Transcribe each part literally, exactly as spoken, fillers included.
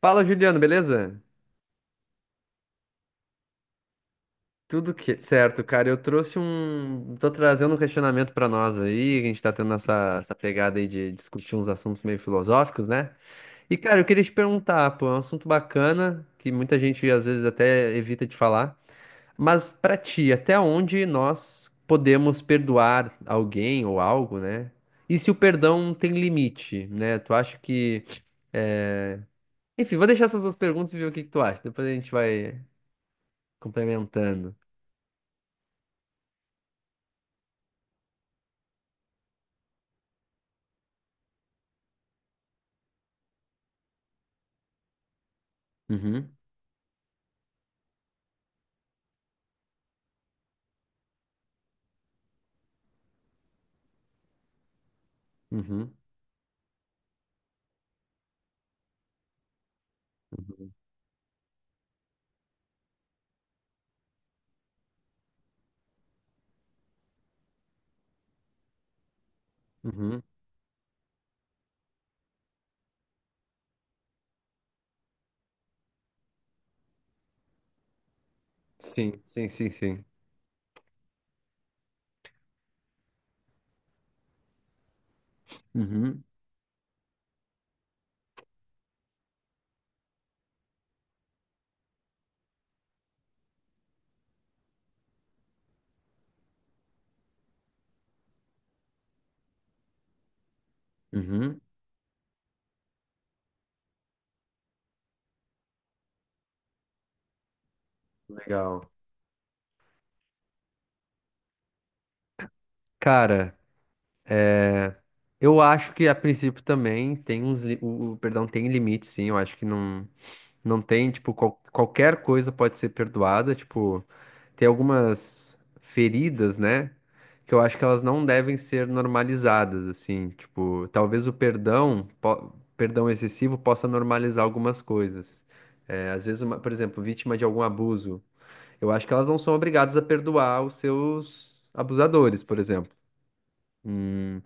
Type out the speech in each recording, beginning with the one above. Fala, Juliano, beleza? Tudo que... certo, cara. Eu trouxe um. Tô trazendo um questionamento pra nós aí. A gente tá tendo essa, essa pegada aí de discutir uns assuntos meio filosóficos, né? E, cara, eu queria te perguntar, pô, é um assunto bacana que muita gente às vezes até evita de falar. Mas pra ti, até onde nós podemos perdoar alguém ou algo, né? E se o perdão tem limite, né? Tu acha que. É, Enfim, vou deixar essas duas perguntas e ver o que que tu acha. Depois a gente vai complementando. Uhum, uhum, uhum, uhum. Sim, sim, sim, sim. Uhum, uhum. Legal. Cara, eu acho que a princípio também tem uns, li- o, o perdão tem limite, sim. Eu acho que não, não tem, tipo, qual- qualquer coisa pode ser perdoada. Tipo, tem algumas feridas, né? Que eu acho que elas não devem ser normalizadas, assim. Tipo, talvez o perdão, po- perdão excessivo possa normalizar algumas coisas. É, às vezes, uma- por exemplo, vítima de algum abuso. Eu acho que elas não são obrigadas a perdoar os seus abusadores, por exemplo. Hum,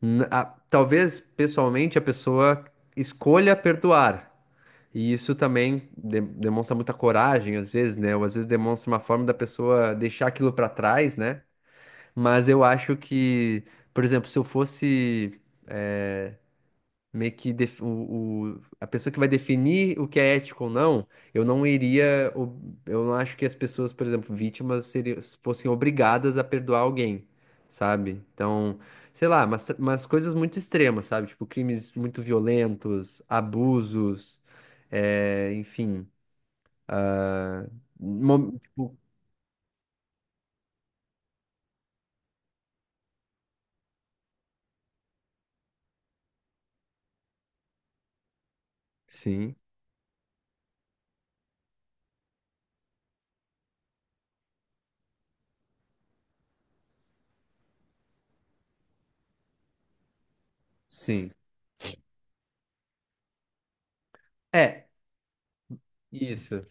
n- a- Talvez, pessoalmente, a pessoa escolha perdoar. E isso também de- demonstra muita coragem, às vezes, né? Ou às vezes demonstra uma forma da pessoa deixar aquilo pra trás, né? Mas eu acho que, por exemplo, se eu fosse meio que def- o, o- a pessoa que vai definir o que é ético ou não, eu não iria, ob- eu não acho que as pessoas, por exemplo, vítimas seriam, fossem obrigadas a perdoar alguém, sabe? Então, sei lá, mas, mas coisas muito extremas, sabe? Tipo, crimes muito violentos, abusos, é, enfim, mo- tipo, sim, sim. É, isso.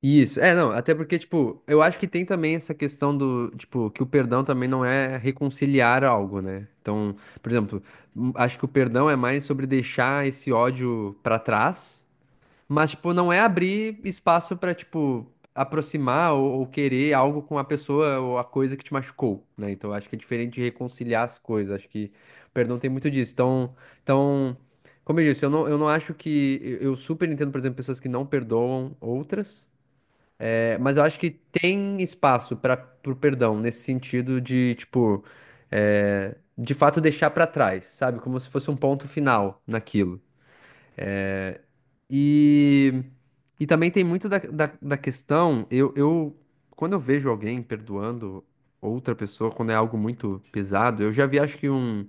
Isso, é, não, até porque, tipo, eu acho que tem também essa questão do, tipo, que o perdão também não é reconciliar algo, né? Então, por exemplo, hum, acho que o perdão é mais sobre deixar esse ódio pra trás, mas, tipo, não é abrir espaço pra, tipo, aproximar ou, ou querer algo com a pessoa ou a coisa que te machucou, né? Então, acho que é diferente de reconciliar as coisas, acho que o perdão tem muito disso. Então, então, como eu disse, eu não, eu não acho que. Eu eu super entendo, por exemplo, pessoas que não perdoam outras. É, mas eu acho que tem espaço para pro perdão nesse sentido de, tipo, é, de fato deixar para trás, sabe? Como se fosse um ponto final naquilo. E, e também tem muito da, da, da questão, eu, eu, quando eu vejo alguém perdoando outra pessoa, quando é algo muito pesado, eu já vi, acho que um,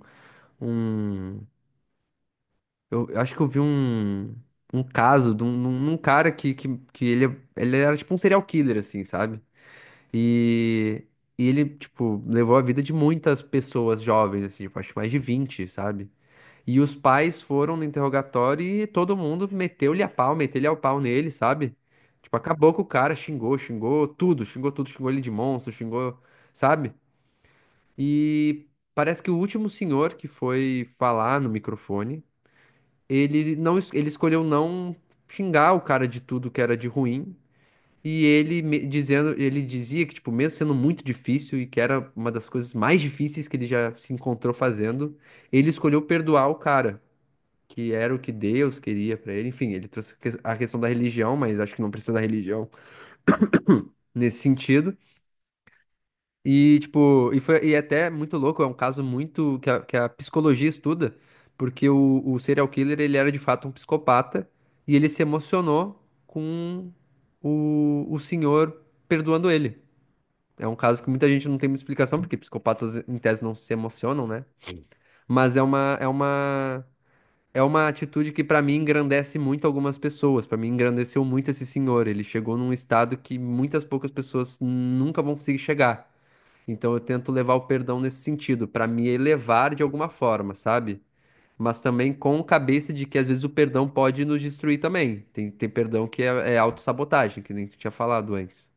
um, eu eu acho que eu vi um, um caso de um, um cara que, que, que ele, ele era tipo um serial killer, assim, sabe? E, e ele, tipo, levou a vida de muitas pessoas jovens, assim, tipo, acho que mais de vinte, sabe? E os pais foram no interrogatório e todo mundo meteu-lhe a pau, meteu-lhe ao pau nele, sabe? Tipo, acabou com o cara, xingou, xingou tudo, xingou tudo, xingou ele de monstro, xingou, sabe? E parece que o último senhor que foi falar no microfone, ele não, es- ele escolheu não xingar o cara de tudo que era de ruim e ele me- dizendo, ele dizia que, tipo, mesmo sendo muito difícil e que era uma das coisas mais difíceis que ele já se encontrou fazendo, ele escolheu perdoar o cara, que era o que Deus queria pra ele. Enfim, ele trouxe a ques- a questão da religião, mas acho que não precisa da religião nesse sentido. E, tipo, e foi, e é até muito louco, é um caso muito que a, que a psicologia estuda, porque o, o serial killer, ele era de fato um psicopata e ele se emocionou com o, o senhor perdoando ele. É um caso que muita gente não tem muita explicação, porque psicopatas, em tese, não se emocionam, né? Mas é uma, é uma, É uma atitude que, pra mim, engrandece muito algumas pessoas. Pra mim, engrandeceu muito esse senhor. Ele chegou num estado que muitas poucas pessoas nunca vão conseguir chegar. Então, eu tento levar o perdão nesse sentido, pra me elevar de alguma forma, sabe? Mas também com cabeça de que, às vezes, o perdão pode nos destruir também. Tem, tem perdão que é, é autossabotagem, que nem tu tinha falado antes.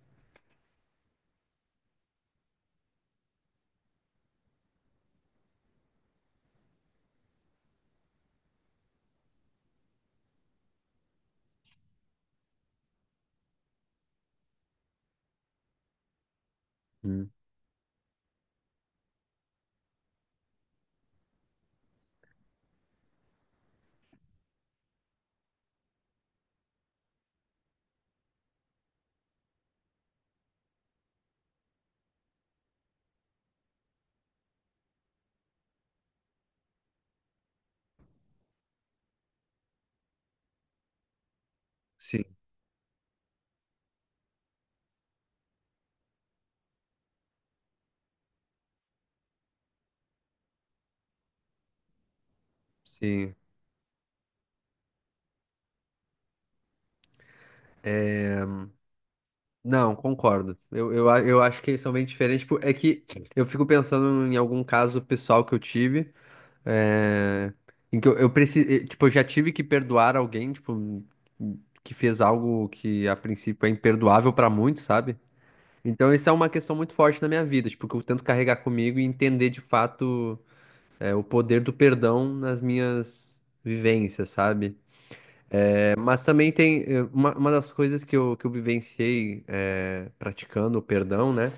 Hum, Sim. Sim, não, concordo. Eu, eu, a- eu acho que eles são bem diferentes. Tipo, é que eu fico pensando em algum caso pessoal que eu tive, é, em que eu, eu precisei, tipo, eu já tive que perdoar alguém, tipo, hum, que fez algo que a princípio é imperdoável pra muitos, sabe? Então, isso é uma questão muito forte na minha vida, tipo, que eu tento carregar comigo e entender de fato, é, o poder do perdão nas minhas vivências, sabe? Mas também tem eh, uma, uma das coisas que eu, que eu vivenciei eh, praticando o perdão, né?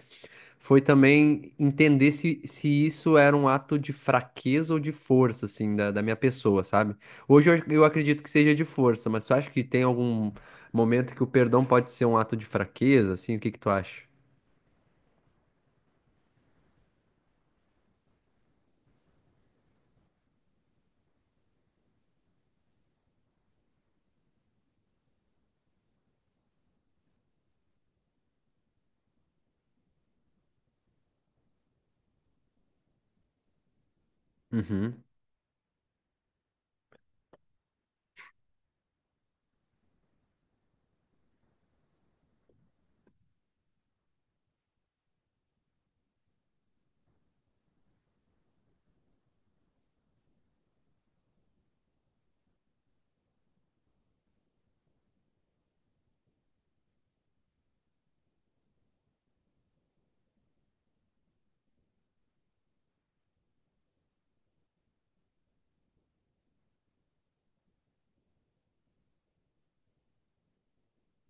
Foi também entender se, se isso era um ato de fraqueza ou de força, assim, da, da minha pessoa, sabe? Hoje eu, eu acredito que seja de força, mas tu acha que tem algum momento que o perdão pode ser um ato de fraqueza, assim? O que que tu acha? Uhum.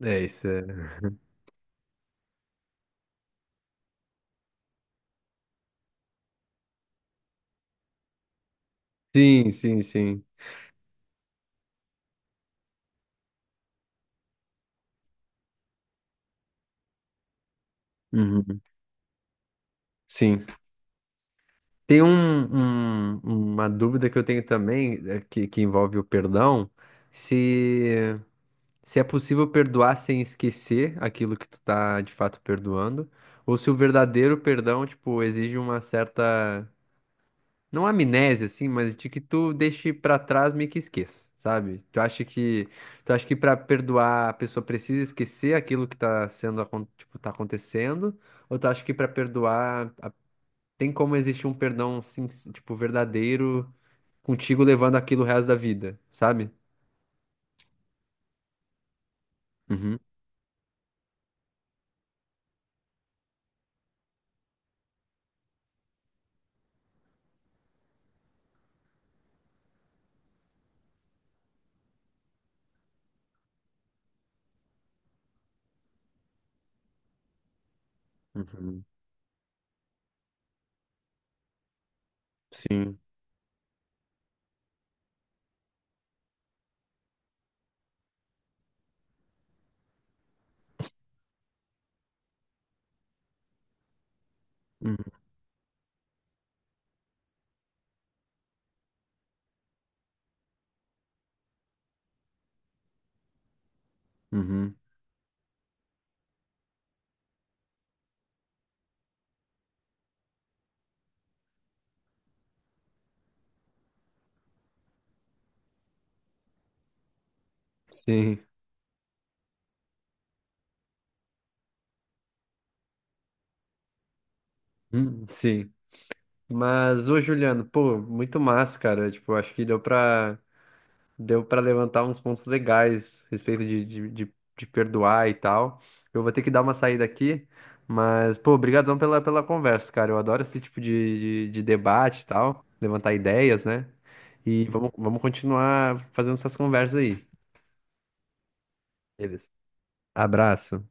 É isso. É. Sim, sim, sim. Uhum. Sim. Tem um, um- uma dúvida que eu tenho também, eh, que, que envolve o perdão, se, se é possível perdoar sem esquecer aquilo que tu tá de fato perdoando, ou se o verdadeiro perdão, tipo, exige uma certa, não amnésia, assim, mas de que tu deixe pra trás meio que esqueça, sabe? Tu acha que, tu acha que pra perdoar a pessoa precisa esquecer aquilo que tá sendo, acon- tipo, tá acontecendo, ou tu acha que pra perdoar tem como existir um perdão, sin- tipo, verdadeiro contigo levando aquilo o resto da vida, sabe? Uhum, uhum, sim, uhum, uhum, sim, hum, sim. Mas, ô Juliano, pô, muito massa, cara. Tipo, acho que deu pra. Deu pra levantar uns pontos legais a respeito de, de, de, de perdoar e tal. Eu vou ter que dar uma saída aqui, mas, pô, obrigadão pela, pela conversa, cara. Eu adoro esse tipo de, de, de debate e tal, levantar ideias, né? E vamos, vamos continuar fazendo essas conversas aí. Beleza. Abraço.